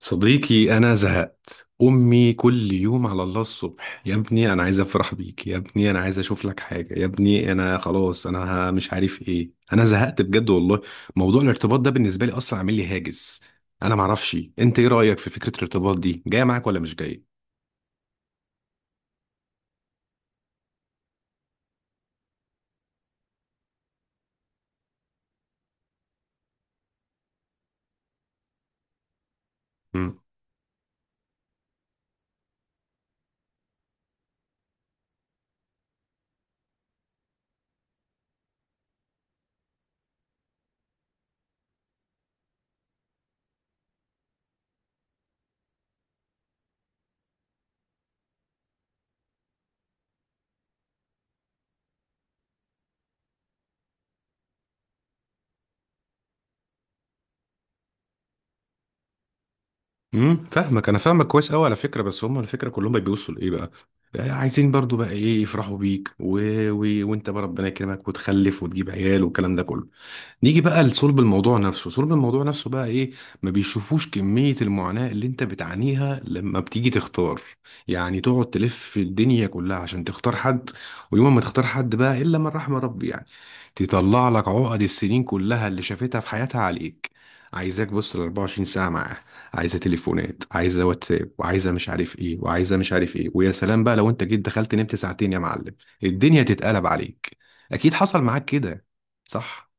صديقي أنا زهقت. أمي كل يوم على الله الصبح، يا ابني أنا عايز أفرح بيك، يا ابني أنا عايز أشوف لك حاجة، يا ابني أنا خلاص، أنا مش عارف إيه، أنا زهقت بجد والله. موضوع الارتباط ده بالنسبة لي أصلا عامل لي هاجس. أنا معرفش أنت إيه رأيك في فكرة الارتباط دي، جاية معاك ولا مش جاية؟ امم فاهمك، أنا فاهمك كويس أوي على فكرة. بس هم على فكرة كلهم بيبصوا لإيه بقى؟ آه، عايزين برضو بقى إيه، يفرحوا بيك و... و... وأنت بقى ربنا يكرمك وتخلف وتجيب عيال والكلام ده كله. نيجي بقى لصلب الموضوع نفسه، صلب الموضوع نفسه بقى ايه. ما بيشوفوش كمية المعاناة اللي انت بتعانيها لما بتيجي تختار، يعني تقعد تلف في الدنيا كلها عشان تختار حد. ويوم ما تختار حد بقى، الا من رحم ربي يعني، تطلع لك عقد السنين كلها اللي شافتها في حياتها عليك. عايزاك بص ال 24 ساعة معاه، عايزة تليفونات، عايزة واتساب، وعايزة مش عارف ايه، وعايزة مش عارف ايه. ويا سلام بقى لو انت جيت دخلت نمت ساعتين يا معلم، الدنيا تتقلب عليك. اكيد حصل معاك كده، صح؟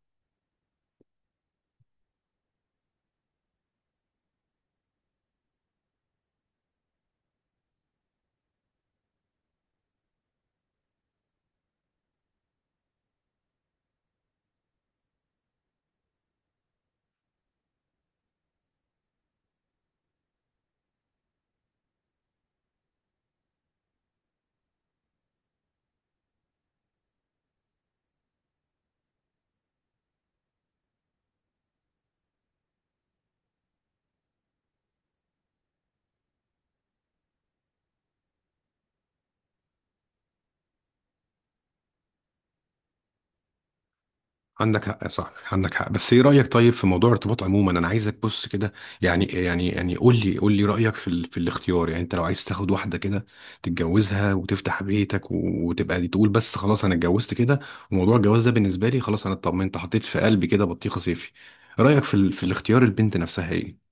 عندك حق، صح عندك حق. بس ايه رأيك طيب في موضوع الارتباط عموما؟ انا عايزك بص كده، يعني قول لي رأيك في الاختيار. يعني انت لو عايز تاخد واحدة كده، تتجوزها وتفتح بيتك و... وتبقى دي، تقول بس خلاص انا اتجوزت كده، وموضوع الجواز ده بالنسبة لي خلاص، انا اطمنت، حطيت في قلبي كده بطيخة صيفي. رأيك في الاختيار، البنت نفسها ايه؟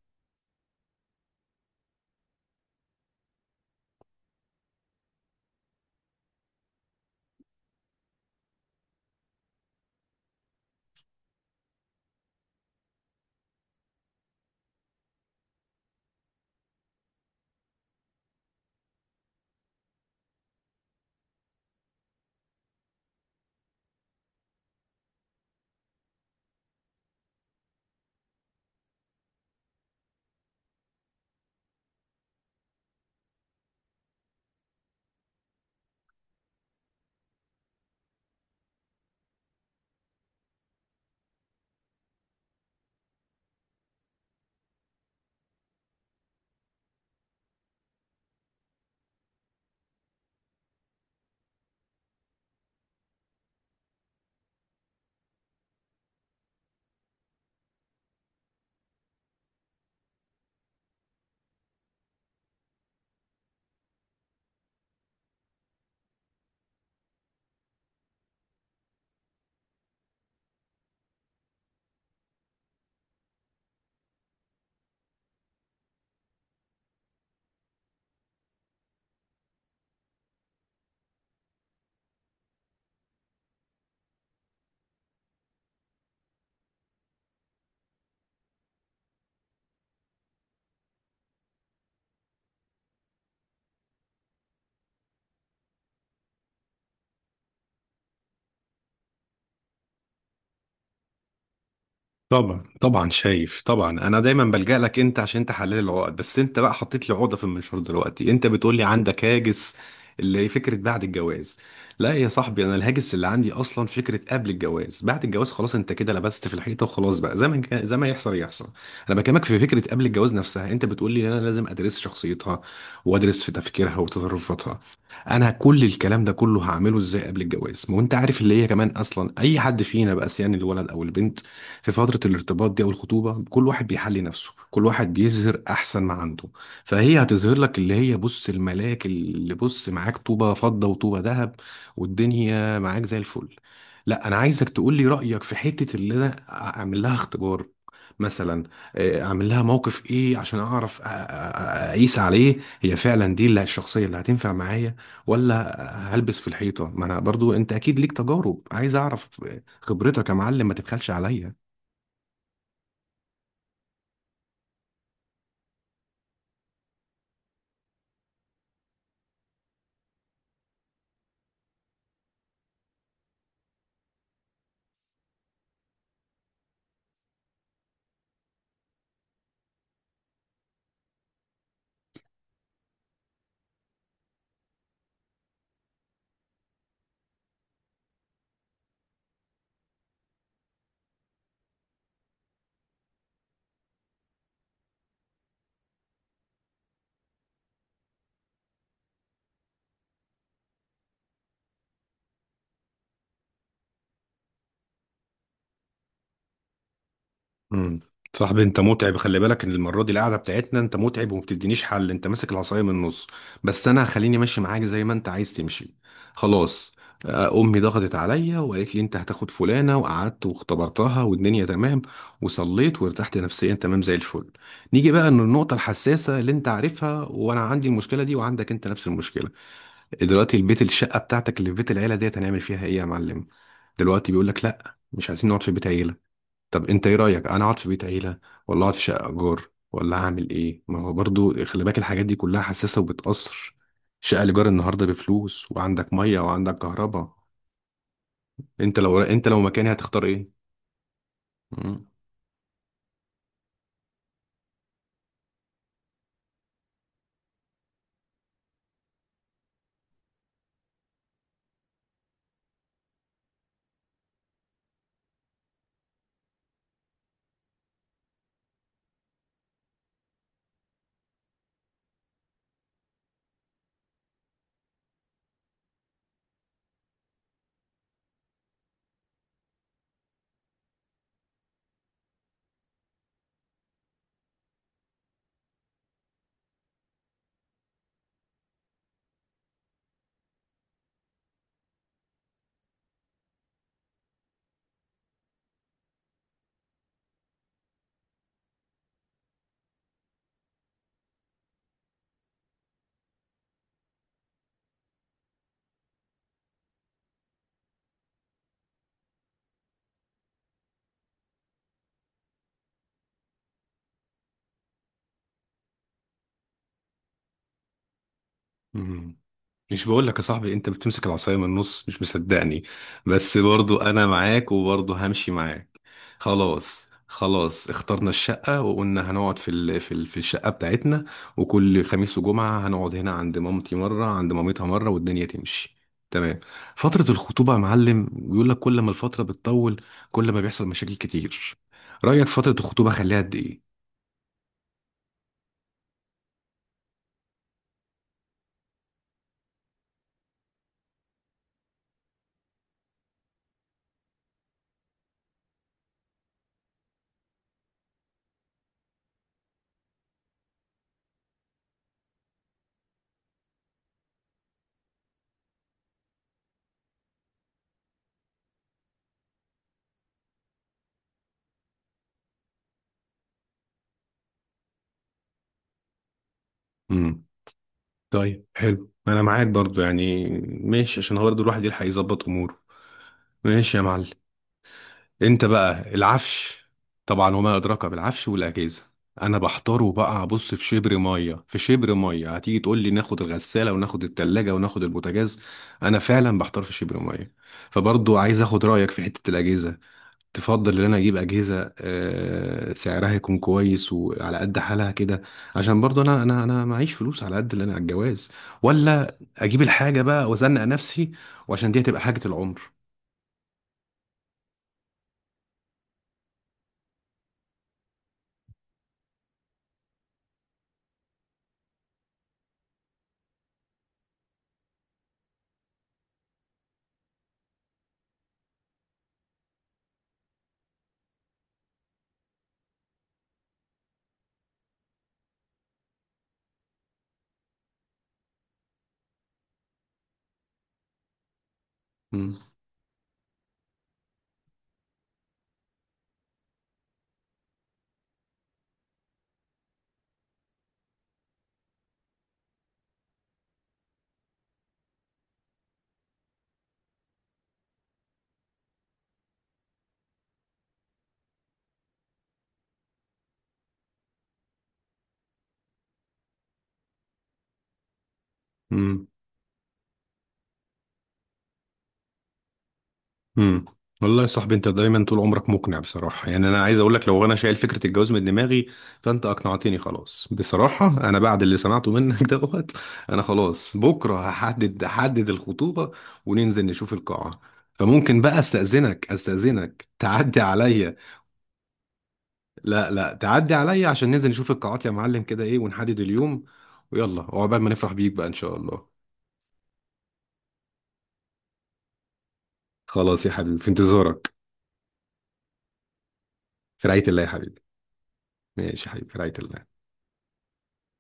طبعا طبعا شايف طبعا، انا دايما بلجأ لك انت عشان تحلل العقد، بس انت بقى حطيت لي عقده في المنشار دلوقتي. انت بتقول لي عندك هاجس اللي هي فكره بعد الجواز. لا يا صاحبي، انا الهاجس اللي عندي اصلا فكره قبل الجواز. بعد الجواز خلاص انت كده لبست في الحيطه وخلاص بقى، زي ما يحصل يحصل. انا بكلمك في فكره قبل الجواز نفسها. انت بتقول لي انا لازم ادرس شخصيتها وادرس في تفكيرها وتصرفاتها. انا كل الكلام ده كله هعمله ازاي قبل الجواز؟ ما هو انت عارف اللي هي كمان، اصلا اي حد فينا بقى سيان الولد او البنت، في فترة الارتباط دي أو الخطوبة، كل واحد بيحلي نفسه، كل واحد بيظهر أحسن ما عنده. فهي هتظهر لك اللي هي بص الملاك، اللي بص معاك طوبة فضة وطوبة ذهب والدنيا معاك زي الفل. لا أنا عايزك تقول لي رأيك في حتة اللي أنا أعمل لها اختبار مثلا. آه، أعمل لها موقف إيه عشان أعرف أقيس عليه، هي فعلا دي اللي الشخصية اللي هتنفع معايا ولا هلبس في الحيطة؟ ما أنا برضو، أنت أكيد ليك تجارب، عايز أعرف خبرتك يا معلم، ما تبخلش عليا. امم صاحبي انت متعب، خلي بالك ان المره دي القعده بتاعتنا انت متعب وما بتدينيش حل، انت ماسك العصايه من النص. بس انا هخليني ماشي معاك زي ما انت عايز تمشي. خلاص، آه، امي ضغطت عليا وقالت لي انت هتاخد فلانه، وقعدت واختبرتها والدنيا تمام، وصليت وارتحت نفسيا تمام زي الفل. نيجي بقى للنقطه الحساسه اللي انت عارفها، وانا عندي المشكله دي وعندك انت نفس المشكله. دلوقتي البيت، الشقه بتاعتك اللي في بيت العيله ديت هنعمل فيها ايه يا معلم؟ دلوقتي بيقول لك لا مش عايزين نقعد في بيت عيله. طب انت ايه رأيك، انا اقعد في بيت عيلة ولا اقعد في شقة ايجار ولا هعمل ايه؟ ما هو برضو خلي بالك الحاجات دي كلها حساسة وبتأثر. شقة الايجار النهاردة بفلوس، وعندك مية وعندك كهرباء. انت لو، انت لو مكاني هتختار ايه؟ مم. مم. مش بقول لك يا صاحبي انت بتمسك العصاية من النص، مش مصدقني. بس برضو انا معاك وبرضو همشي معاك. خلاص خلاص اخترنا الشقة، وقلنا هنقعد في الشقة بتاعتنا. وكل خميس وجمعة هنقعد هنا عند مامتي مرة، عند مامتها مرة، والدنيا تمشي. تمام. فترة الخطوبة يا معلم بيقول لك كل ما الفترة بتطول كل ما بيحصل مشاكل كتير. رأيك فترة الخطوبة خليها قد ايه؟ طيب حلو، انا معاك برضو يعني ماشي، عشان هو برضو الواحد يلحق يظبط اموره. ماشي يا معلم. انت بقى العفش، طبعا وما ادراك بالعفش والاجهزه. انا بحضره بقى ابص في شبر ميه في شبر ميه، هتيجي تقول لي ناخد الغساله وناخد التلاجة وناخد البوتاجاز. انا فعلا بحتار في شبر ميه. فبرضو عايز اخد رايك في حته الاجهزه. تفضل ان انا اجيب اجهزه، آه، سعرها يكون كويس وعلى قد حالها كده، عشان برضه انا معيش فلوس على قد اللي انا على الجواز، ولا اجيب الحاجه بقى وازنق نفسي، وعشان دي هتبقى حاجه العمر. مم. مم. امم والله يا صاحبي انت دايما طول عمرك مقنع بصراحه. يعني انا عايز اقول لك لو انا شايل فكره الجواز من دماغي، فانت اقنعتني خلاص بصراحه. انا بعد اللي سمعته منك دوت انا خلاص، بكره هحدد الخطوبه وننزل نشوف القاعه. فممكن بقى استاذنك تعدي عليا. لا لا، تعدي عليا عشان ننزل نشوف القاعات يا معلم كده، ايه، ونحدد اليوم، ويلا، وعقبال ما نفرح بيك بقى ان شاء الله. خلاص يا حبيبي، في انتظارك. في رعايه الله يا حبيبي. ماشي يا حبيبي، في رعايه الله.